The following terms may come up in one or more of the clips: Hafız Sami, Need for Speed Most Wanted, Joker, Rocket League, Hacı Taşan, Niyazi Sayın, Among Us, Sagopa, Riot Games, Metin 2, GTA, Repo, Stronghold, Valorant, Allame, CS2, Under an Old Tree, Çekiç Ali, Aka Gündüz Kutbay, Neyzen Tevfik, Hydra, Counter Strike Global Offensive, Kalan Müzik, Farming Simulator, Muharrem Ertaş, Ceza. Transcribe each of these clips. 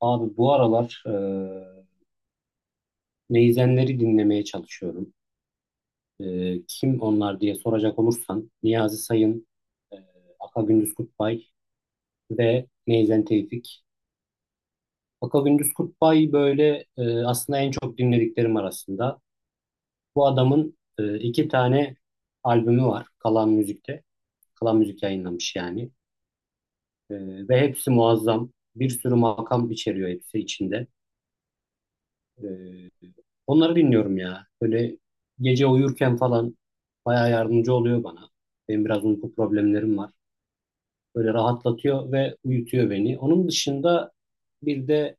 Abi bu aralar neyzenleri dinlemeye çalışıyorum. Kim onlar diye soracak olursan Niyazi Sayın, eee Aka Gündüz Kutbay ve Neyzen Tevfik. Aka Gündüz Kutbay böyle aslında en çok dinlediklerim arasında. Bu adamın iki tane albümü var Kalan Müzik'te. Kalan Müzik yayınlamış yani. Ve hepsi muazzam. Bir sürü makam içeriyor hepsi içinde. Onları dinliyorum ya. Böyle gece uyurken falan bayağı yardımcı oluyor bana. Benim biraz uyku problemlerim var. Böyle rahatlatıyor ve uyutuyor beni. Onun dışında bir de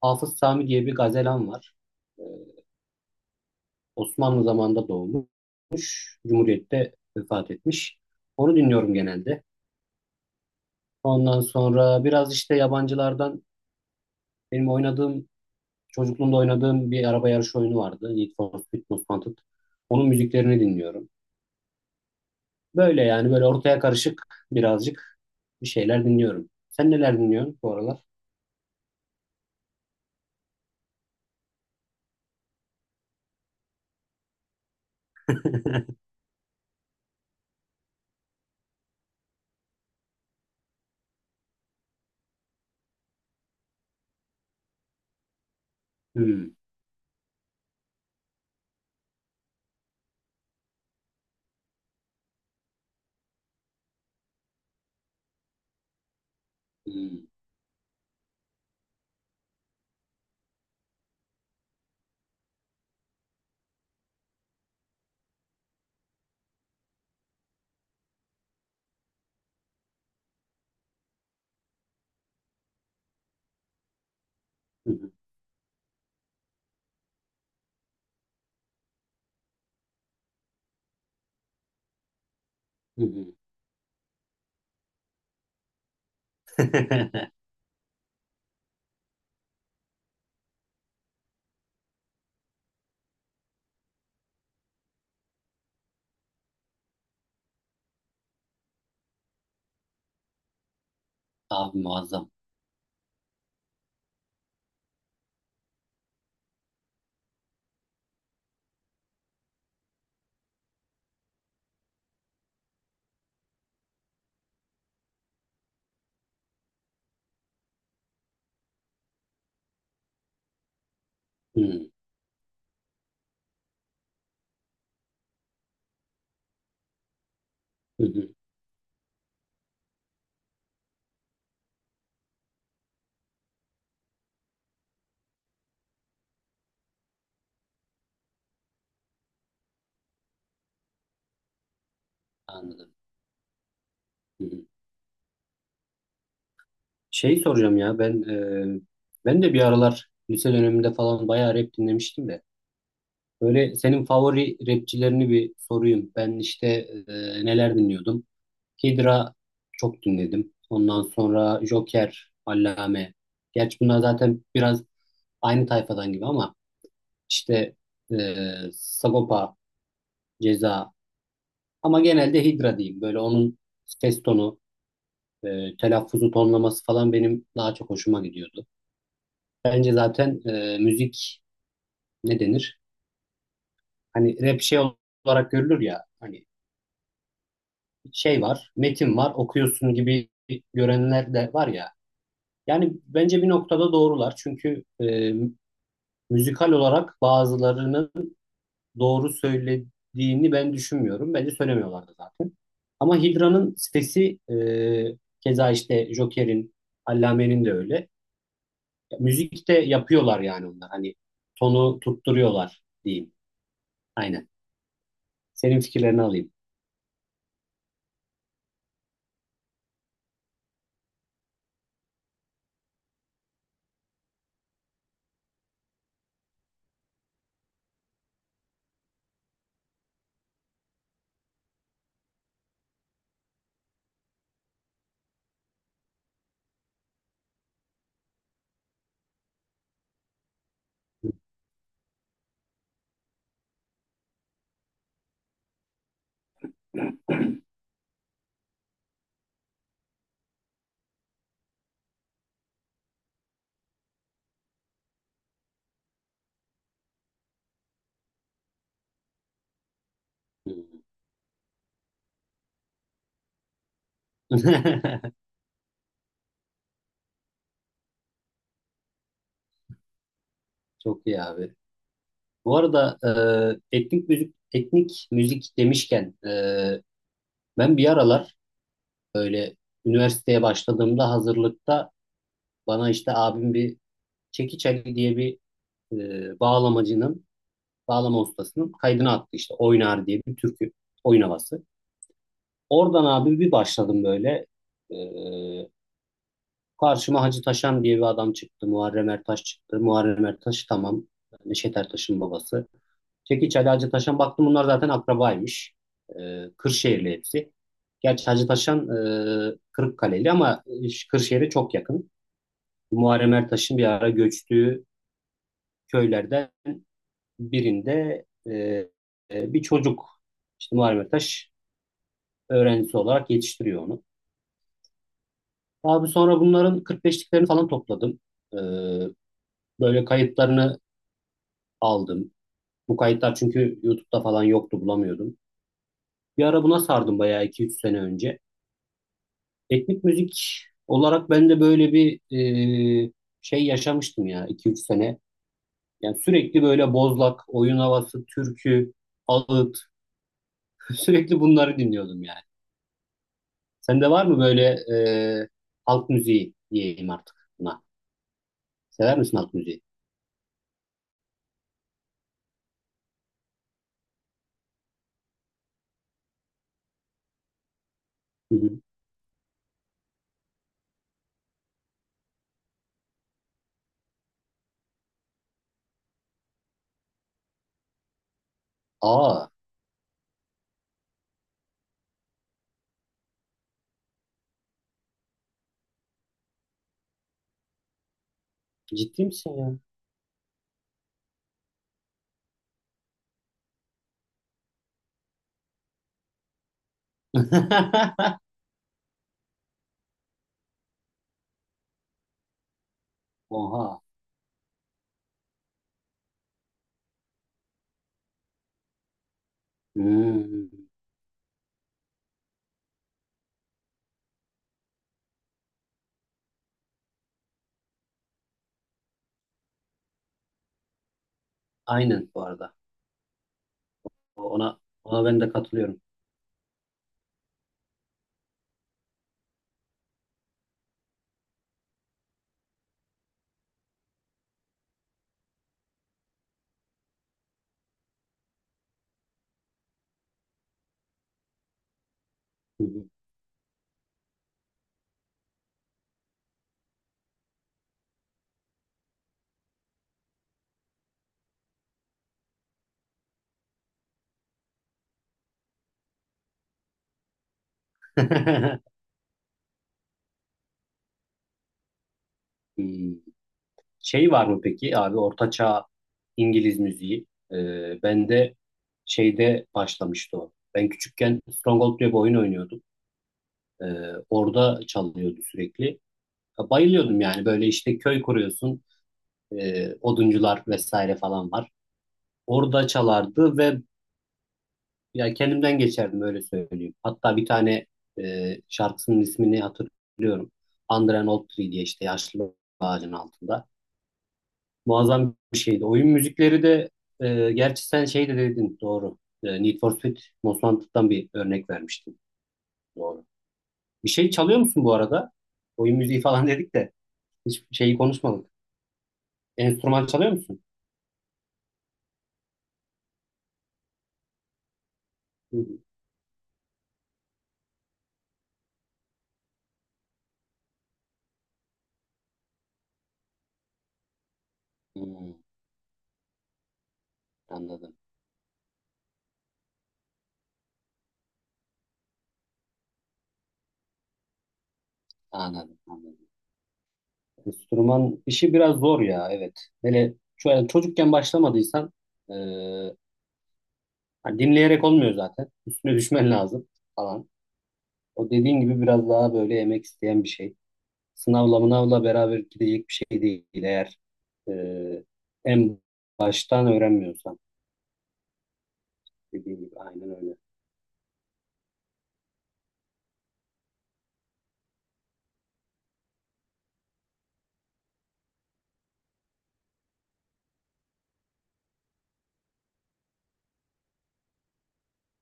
Hafız Sami diye bir gazelam var. Ee, Osmanlı zamanında doğmuş. Cumhuriyet'te vefat etmiş. Onu dinliyorum genelde. Ondan sonra biraz işte yabancılardan benim oynadığım, çocukluğumda oynadığım bir araba yarışı oyunu vardı. Need for Speed Most Wanted. Onun müziklerini dinliyorum. Böyle yani böyle ortaya karışık birazcık bir şeyler dinliyorum. Sen neler dinliyorsun bu aralar? Hmm, hmm, hı hı, hı hı. Abi muazzam. Hmm, hı hı, anladım. Hı hı. Şey soracağım ya ben, e, ben de bir aralar lise döneminde falan bayağı rap dinlemiştim de. Böyle senin favori rapçilerini bir sorayım. Ben işte neler dinliyordum? Hydra çok dinledim. Ondan sonra Joker, Allame. Gerçi bunlar zaten biraz aynı tayfadan gibi ama işte e, Sagopa, Ceza ama genelde Hydra diyeyim. Böyle onun ses tonu, telaffuzu, tonlaması falan benim daha çok hoşuma gidiyordu. Bence zaten müzik ne denir? Hani rap şey olarak görülür ya, hani şey var, metin var, okuyorsun gibi görenler de var ya. Yani bence bir noktada doğrular. Çünkü müzikal olarak bazılarının doğru söylediğini ben düşünmüyorum. Bence söylemiyorlardı zaten. Ama Hidra'nın sesi, keza işte Joker'in, Allame'nin de öyle. Müzikte yapıyorlar yani onlar. Hani tonu tutturuyorlar diyeyim. Aynen. Senin fikirlerini alayım. Çok iyi abi. Bu arada etnik müzik etnik müzik demişken, ben bir aralar böyle üniversiteye başladığımda hazırlıkta bana işte abim bir Çekiç Ali diye bir bağlamacının, bağlama ustasının kaydını attı işte. Oynar diye bir türkü, oyun havası. Oradan abi bir başladım böyle. E, Karşıma Hacı Taşan diye bir adam çıktı. Muharrem Ertaş çıktı. Muharrem Ertaş tamam. Yani Neşet Ertaş'ın babası. Çekiç Ali, Hacı Taşan, baktım bunlar zaten akrabaymış. Kırşehirli hepsi. Gerçi Hacı Taşan Kırıkkaleli ama Kırşehir'e çok yakın. Muharrem Ertaş'ın bir ara göçtüğü köylerden birinde bir çocuk işte Muharrem Ertaş öğrencisi olarak yetiştiriyor onu. Abi sonra bunların 45'liklerini falan topladım. E, Böyle kayıtlarını aldım. Bu kayıtlar çünkü YouTube'da falan yoktu, bulamıyordum. Bir ara buna sardım bayağı iki üç sene önce. Etnik müzik olarak ben de böyle bir e, şey yaşamıştım ya iki üç sene. Yani sürekli böyle bozlak, oyun havası, türkü, ağıt, sürekli bunları dinliyordum yani. Sende var mı böyle e, halk müziği diyeyim artık buna. Sever misin halk müziği? Hı hı. Aa, ciddi misin ya? Oha. Hmm. Aynen bu arada. Ona Ona ben de katılıyorum. Hı hı. Hmm. Şey var mı peki abi ortaçağ İngiliz müziği? Ben de şeyde başlamıştı o. Ben küçükken Stronghold diye bir oyun oynuyordum. Ee, Orada çalıyordu sürekli. Bayılıyordum yani, böyle işte köy kuruyorsun, oduncular vesaire falan var. Orada çalardı ve ya kendimden geçerdim öyle söyleyeyim. Hatta bir tane şarkısının ismini hatırlıyorum. Under an Old Tree diye, işte yaşlı ağacın altında. Muazzam bir şeydi. Oyun müzikleri de gerçi sen şey de dedin, doğru. Need for Speed Most Wanted'dan bir örnek vermiştin. Doğru. Bir şey çalıyor musun bu arada? Oyun müziği falan dedik de hiç şeyi konuşmadık. Enstrüman çalıyor musun? Hmm, anladım. Anladım. Anladım. Enstrüman işi biraz zor ya, evet. Hele çocukken başlamadıysan, e, hani dinleyerek olmuyor zaten. Üstüne düşmen lazım falan. O dediğin gibi biraz daha böyle emek isteyen bir şey. Sınavla mınavla beraber gidecek bir şey değil, eğer e, en baştan öğrenmiyorsan, dediğin gibi aynen öyle.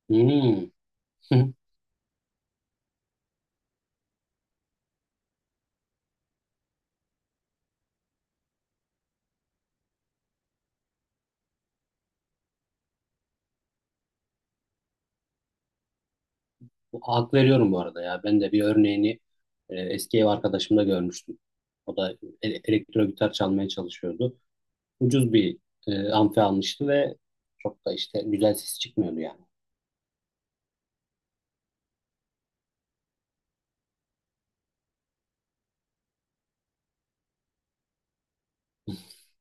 Hmm. Hak veriyorum bu arada ya. Ben de bir örneğini eski ev arkadaşımda görmüştüm. O da elektro gitar çalmaya çalışıyordu. Ucuz bir amfi almıştı ve çok da işte güzel ses çıkmıyordu yani.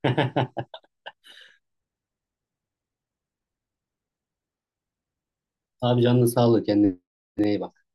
Abi canına sağlık. Kendine iyi bak.